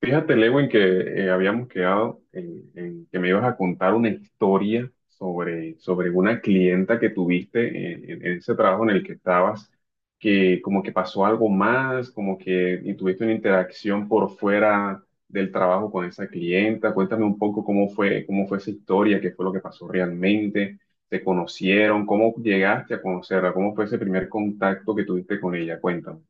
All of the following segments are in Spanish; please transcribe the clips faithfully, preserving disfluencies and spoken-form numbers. Fíjate, Lewin, que eh, habíamos quedado en, en que me ibas a contar una historia sobre, sobre una clienta que tuviste en, en- en ese trabajo en el que estabas, que como que pasó algo más, como que y tuviste una interacción por fuera del trabajo con esa clienta. Cuéntame un poco cómo fue, cómo fue esa historia, qué fue lo que pasó realmente, se conocieron, cómo llegaste a conocerla, cómo fue ese primer contacto que tuviste con ella. Cuéntame.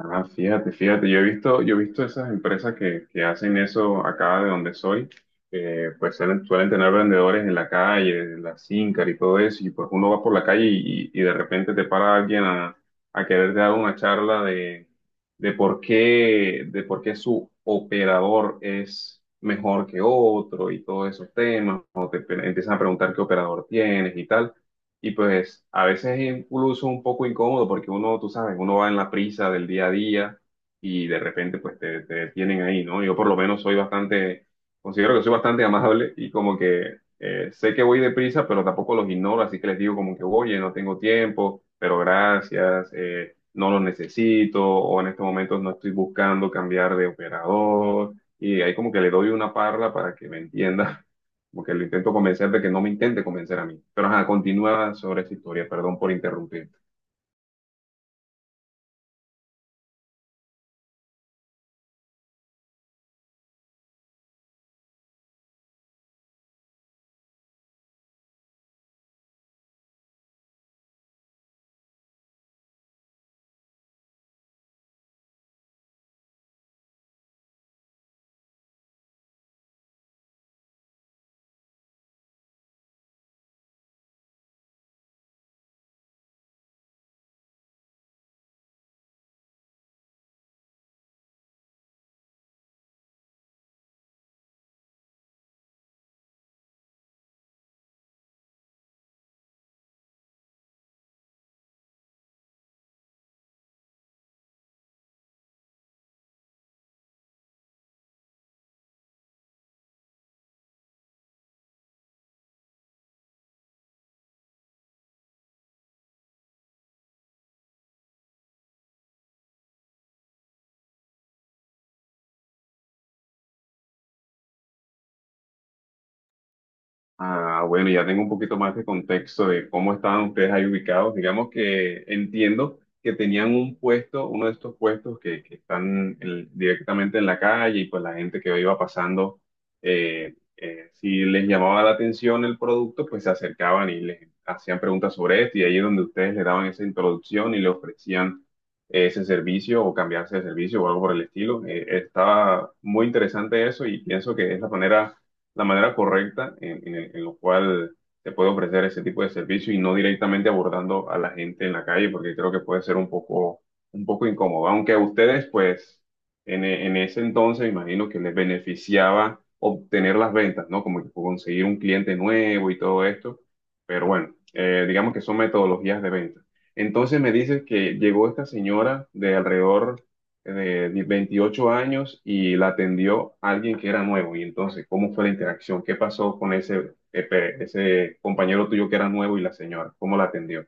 Ah, fíjate, fíjate, yo he visto, yo he visto esas empresas que, que hacen eso acá de donde soy, eh, pues suelen, suelen tener vendedores en la calle, en la Sincar y todo eso, y pues uno va por la calle y, y de repente te para alguien a, a querer dar una charla de, de por qué, de por qué su operador es mejor que otro y todos esos temas, o te pe- empiezan a preguntar qué operador tienes y tal. Y pues a veces es incluso un poco incómodo porque uno, tú sabes, uno va en la prisa del día a día y de repente pues te, te detienen ahí, ¿no? Yo por lo menos soy bastante, considero que soy bastante amable y como que eh, sé que voy deprisa, pero tampoco los ignoro, así que les digo como que, oye, no tengo tiempo, pero gracias, eh, no los necesito o en estos momentos no estoy buscando cambiar de operador y ahí como que le doy una parla para que me entienda. Como que lo intento convencer de que no me intente convencer a mí. Pero ajá, continúa sobre esa historia, perdón por interrumpir. Ah, bueno, ya tengo un poquito más de contexto de cómo estaban ustedes ahí ubicados. Digamos que entiendo que tenían un puesto, uno de estos puestos que, que están en- directamente en la calle y pues la gente que iba pasando, eh, eh, si les llamaba la atención el producto, pues se acercaban y les hacían preguntas sobre esto y ahí es donde ustedes le daban esa introducción y le ofrecían ese servicio o cambiarse de servicio o algo por el estilo. Eh, estaba muy interesante eso y pienso que es la manera la manera correcta en, en el- en lo cual se puede ofrecer ese tipo de servicio y no directamente abordando a la gente en la calle, porque creo que puede ser un poco, un poco incómodo. Aunque a ustedes, pues, en, e- en ese entonces, me imagino que les beneficiaba obtener las ventas, ¿no? Como que conseguir un cliente nuevo y todo esto. Pero bueno, eh, digamos que son metodologías de venta. Entonces me dices que llegó esta señora de alrededor de veintiocho años y la atendió alguien que era nuevo. Y entonces, ¿cómo fue la interacción? ¿Qué pasó con ese, eh, pe- ese compañero tuyo que era nuevo y la señora? ¿Cómo la atendió?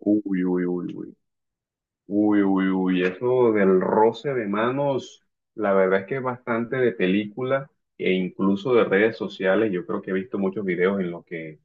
Uy, uy, uy, uy. Uy, uy, uy, eso del roce de manos, la verdad es que es bastante de película e incluso de redes sociales. Yo creo que he visto muchos videos en los que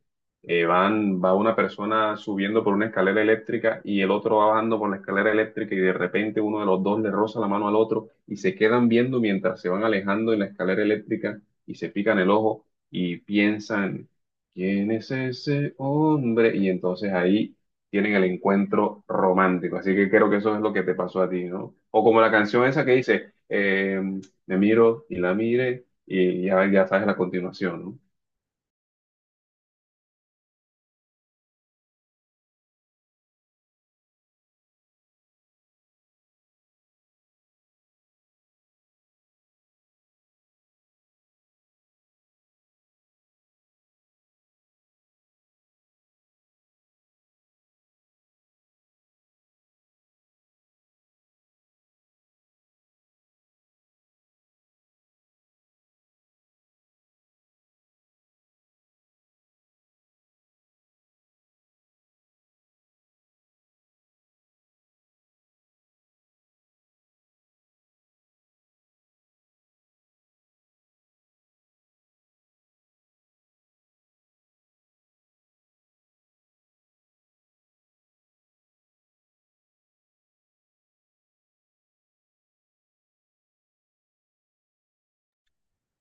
eh, van, va una persona subiendo por una escalera eléctrica y el otro va bajando por la escalera eléctrica y de repente uno de los dos le roza la mano al otro y se quedan viendo mientras se van alejando en la escalera eléctrica y se pican el ojo y piensan, ¿quién es ese hombre? Y entonces ahí tienen el encuentro romántico. Así que creo que eso es lo que te pasó a ti, ¿no? O como la canción esa que dice, eh, me miro y la mire y ya, ya sabes la continuación, ¿no?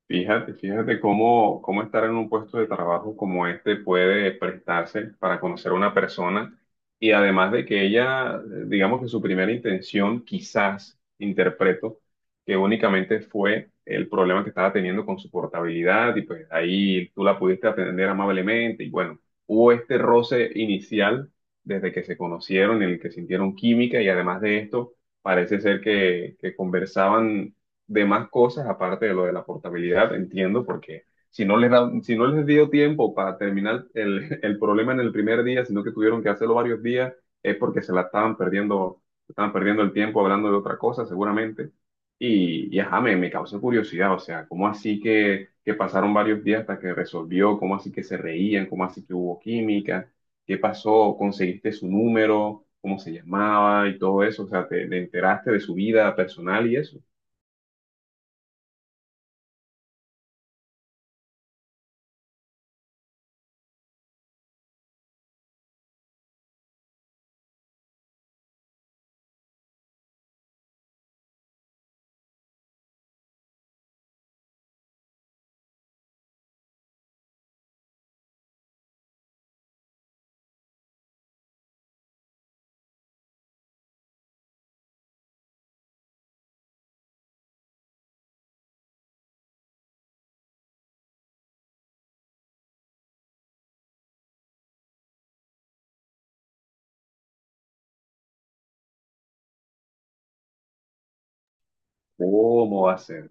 Fíjate, fíjate cómo, cómo estar en un puesto de trabajo como este puede prestarse para conocer a una persona y además de que ella, digamos que su primera intención, quizás interpreto, que únicamente fue el problema que estaba teniendo con su portabilidad y pues ahí tú la pudiste atender amablemente y bueno, hubo este roce inicial desde que se conocieron en el que sintieron química y además de esto, parece ser que que conversaban de más cosas aparte de lo de la portabilidad, entiendo, porque si no les da- si no les dio tiempo para terminar el, el problema en el primer día, sino que tuvieron que hacerlo varios días, es porque se la estaban perdiendo, estaban perdiendo el tiempo hablando de otra cosa, seguramente. Y, y ajá, me, me causó curiosidad, o sea, ¿cómo así que, que pasaron varios días hasta que resolvió? ¿Cómo así que se reían? ¿Cómo así que hubo química? ¿Qué pasó? ¿Conseguiste su número? ¿Cómo se llamaba? Y todo eso, o sea, te te enteraste de su vida personal y eso? ¿Cómo va a ser?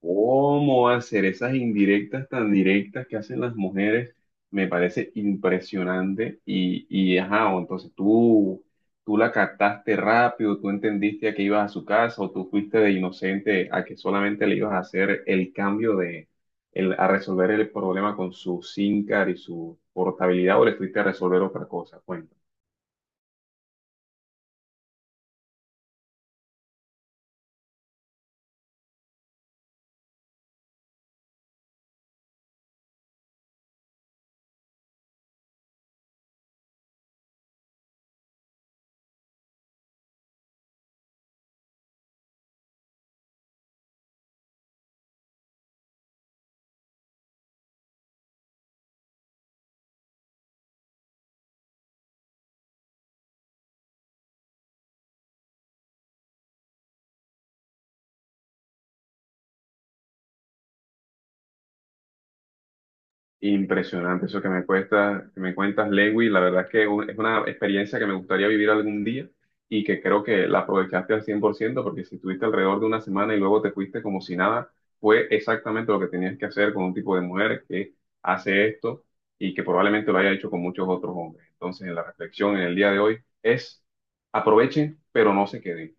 ¿Cómo va a ser? Esas indirectas tan directas que hacen las mujeres me parece impresionante. Y, y ajá, o entonces tú, tú la captaste rápido, tú entendiste a que ibas a su casa, o tú fuiste de inocente a que solamente le ibas a hacer el cambio de, el, a resolver el problema con su SIM card y su portabilidad, o le fuiste a resolver otra cosa. Cuenta. Impresionante eso que me cuesta, que me cuentas, Lewis. La verdad es que un- es una experiencia que me gustaría vivir algún día y que creo que la aprovechaste al cien por ciento porque si estuviste alrededor de una semana y luego te fuiste como si nada, fue exactamente lo que tenías que hacer con un tipo de mujer que hace esto y que probablemente lo haya hecho con muchos otros hombres. Entonces, la reflexión en el día de hoy es aprovechen, pero no se queden.